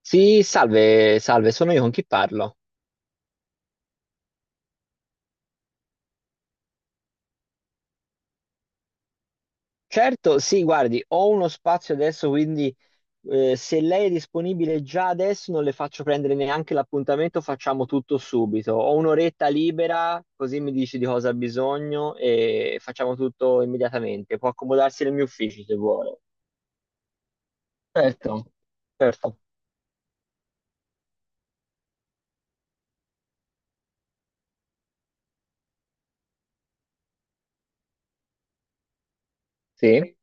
Sì, salve, salve, sono io con chi parlo. Certo, sì, guardi, ho uno spazio adesso, quindi se lei è disponibile già adesso non le faccio prendere neanche l'appuntamento, facciamo tutto subito. Ho un'oretta libera, così mi dici di cosa ha bisogno e facciamo tutto immediatamente. Può accomodarsi nel mio ufficio se vuole. Certo, certo, sì,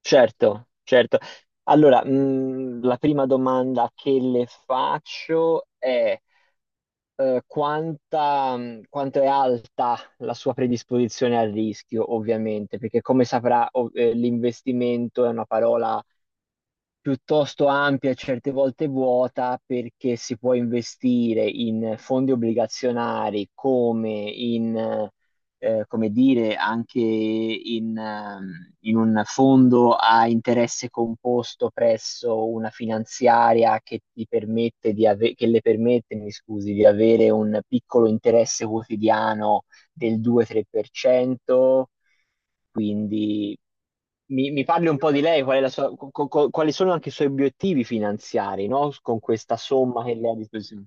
certo, certo. Allora, la prima domanda che le faccio è... quanta, quanto è alta la sua predisposizione al rischio, ovviamente, perché come saprà, l'investimento è una parola piuttosto ampia e certe volte vuota, perché si può investire in fondi obbligazionari come in, come dire, anche in un fondo a interesse composto presso una finanziaria che le permette, mi scusi, di avere un piccolo interesse quotidiano del 2-3%. Quindi mi parli un po' di lei, qual è la sua- co- co- quali sono anche i suoi obiettivi finanziari, no? Con questa somma che lei ha a disposizione.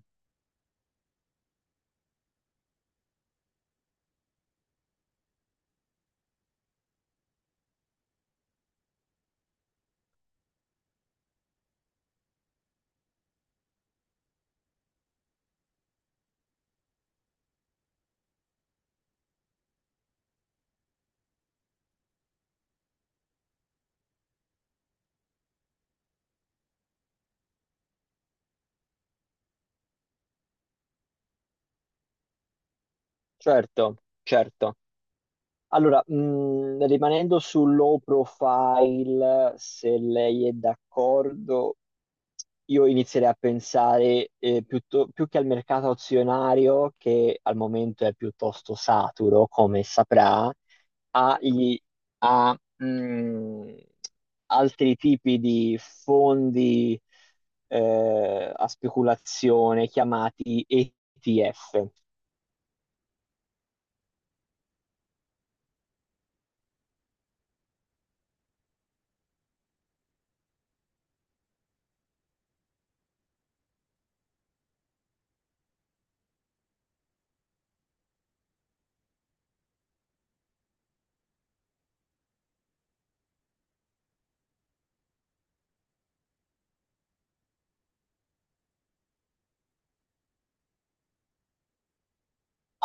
Certo, certo. Allora, rimanendo sul low profile, se lei è d'accordo, io inizierei a pensare, più che al mercato azionario, che al momento è piuttosto saturo, come saprà, a, i- a, mh, altri tipi di fondi a speculazione, chiamati ETF.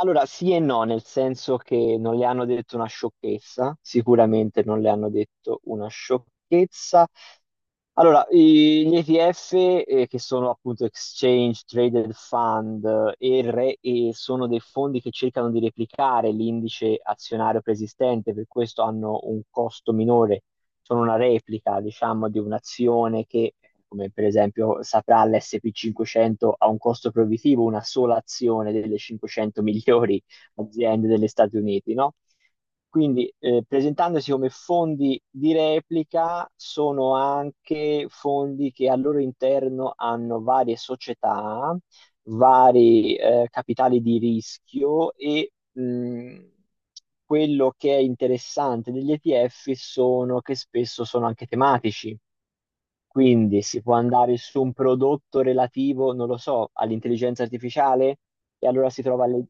Allora, sì e no, nel senso che non le hanno detto una sciocchezza, sicuramente non le hanno detto una sciocchezza. Allora, gli ETF, che sono appunto Exchange Traded Fund, e sono dei fondi che cercano di replicare l'indice azionario preesistente, per questo hanno un costo minore, sono una replica, diciamo, di un'azione che, come per esempio saprà l'S&P 500, ha un costo proibitivo: una sola azione delle 500 migliori aziende degli Stati Uniti, no? Quindi, presentandosi come fondi di replica, sono anche fondi che al loro interno hanno varie società, vari capitali di rischio, e quello che è interessante degli ETF sono che spesso sono anche tematici. Quindi si può andare su un prodotto relativo, non lo so, all'intelligenza artificiale e allora si trova alle...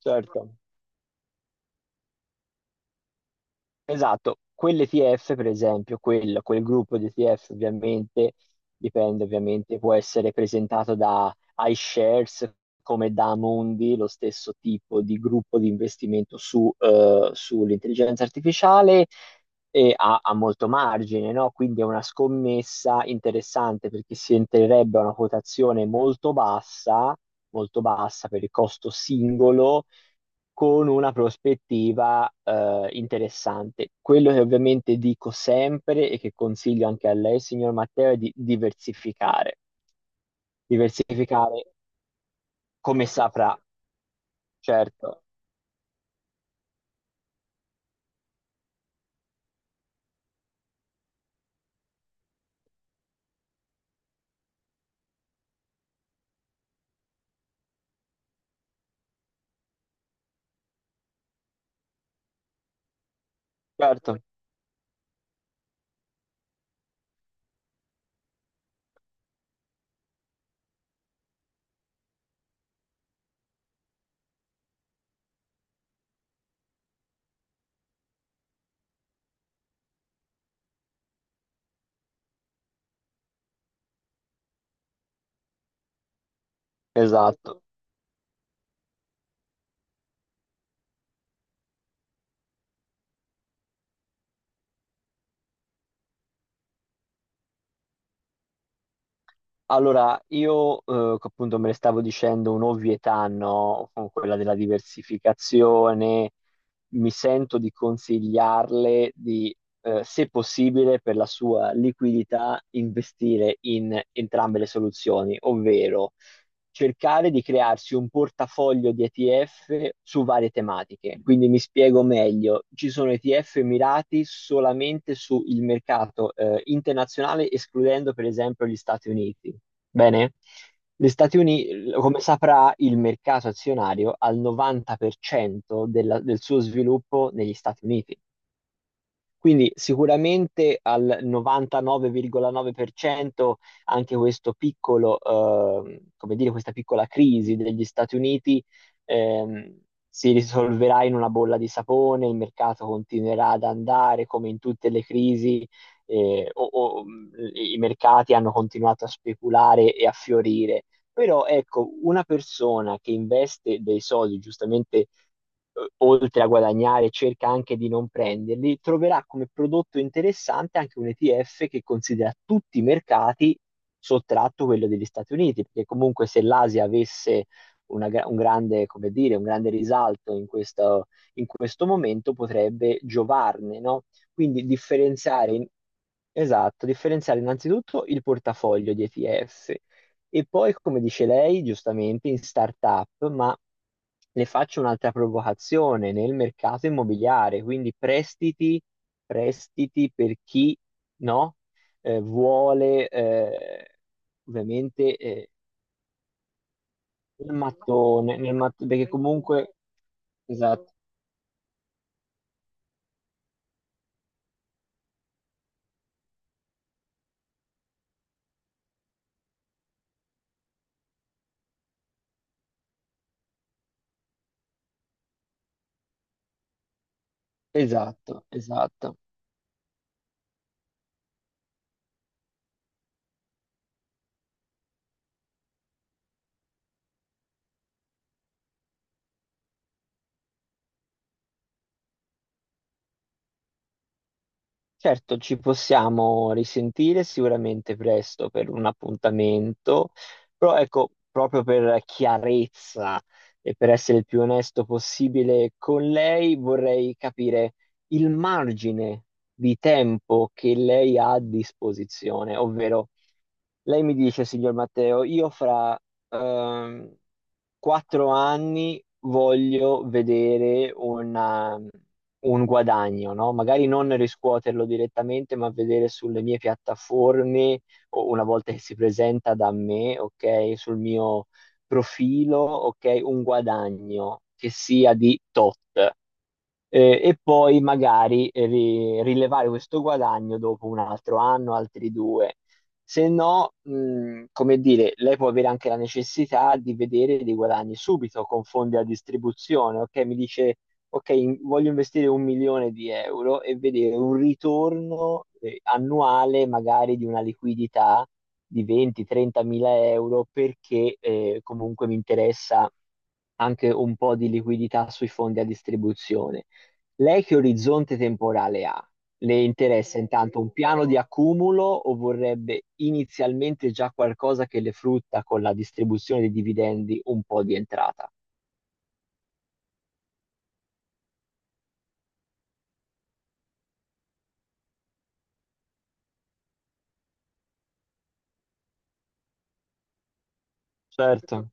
Certo. Esatto, quell'ETF per esempio, quel gruppo di ETF ovviamente, dipende ovviamente, può essere presentato da iShares come da Amundi, lo stesso tipo di gruppo di investimento sull'intelligenza artificiale, e ha molto margine, no? Quindi è una scommessa interessante, perché si entrerebbe a una quotazione molto bassa per il costo singolo, con una prospettiva interessante. Quello che ovviamente dico sempre e che consiglio anche a lei, signor Matteo, è di diversificare. Diversificare, come saprà. Certo, certo, esatto. Allora, io, che appunto me ne stavo dicendo un'ovvietà, no? Con quella della diversificazione, mi sento di consigliarle di, se possibile, per la sua liquidità, investire in entrambe le soluzioni, ovvero cercare di crearsi un portafoglio di ETF su varie tematiche. Quindi, mi spiego meglio, ci sono ETF mirati solamente sul mercato internazionale, escludendo per esempio gli Stati Uniti. Bene, gli Stati Uniti, come saprà, il mercato azionario ha il 90% del suo sviluppo negli Stati Uniti. Quindi sicuramente al 99,9% anche questo piccolo, come dire, questa piccola crisi degli Stati Uniti ehm, si risolverà in una bolla di sapone, il mercato continuerà ad andare come in tutte le crisi, i mercati hanno continuato a speculare e a fiorire. Però ecco, una persona che investe dei soldi, giustamente, oltre a guadagnare, cerca anche di non prenderli, troverà come prodotto interessante anche un ETF che considera tutti i mercati sottratto quello degli Stati Uniti, perché comunque, se l'Asia avesse un grande, come dire, un grande risalto in questo, momento potrebbe giovarne, no? Quindi differenziare, esatto, differenziare innanzitutto il portafoglio di ETF e poi, come dice lei, giustamente in startup, ma le faccio un'altra provocazione: nel mercato immobiliare, quindi prestiti per chi, no, vuole, ovviamente, il mattone, perché comunque, esatto, esatto, esatto. Certo, ci possiamo risentire sicuramente presto per un appuntamento, però ecco, proprio per chiarezza e per essere il più onesto possibile con lei, vorrei capire il margine di tempo che lei ha a disposizione, ovvero: lei mi dice, signor Matteo, io fra ehm, 4 anni voglio vedere un guadagno, no? Magari non riscuoterlo direttamente, ma vedere sulle mie piattaforme, o una volta che si presenta da me, ok, sul mio profilo, ok, un guadagno che sia di tot. E poi magari, rilevare questo guadagno dopo un altro anno, altri due. Se no, come dire, lei può avere anche la necessità di vedere dei guadagni subito con fondi a distribuzione. Ok, mi dice, ok, voglio investire un milione di euro e vedere un ritorno annuale, magari, di una liquidità di 20-30 mila euro, perché, comunque, mi interessa anche un po' di liquidità sui fondi a distribuzione. Lei che orizzonte temporale ha? Le interessa intanto un piano di accumulo, o vorrebbe inizialmente già qualcosa che le frutta, con la distribuzione dei dividendi, un po' di entrata? Certo,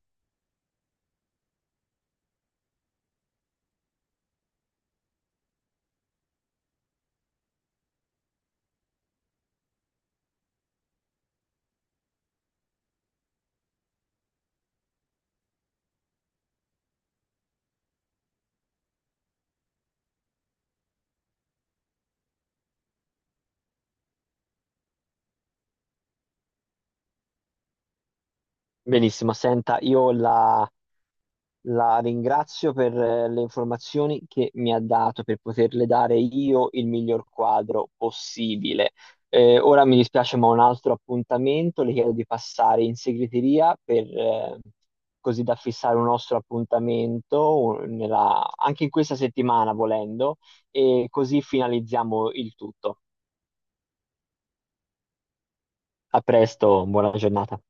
benissimo. Senta, io la La ringrazio per le informazioni che mi ha dato, per poterle dare io il miglior quadro possibile. Ora mi dispiace, ma ho un altro appuntamento. Le chiedo di passare in segreteria per così da fissare un nostro appuntamento anche in questa settimana, volendo, e così finalizziamo il tutto. A presto, buona giornata.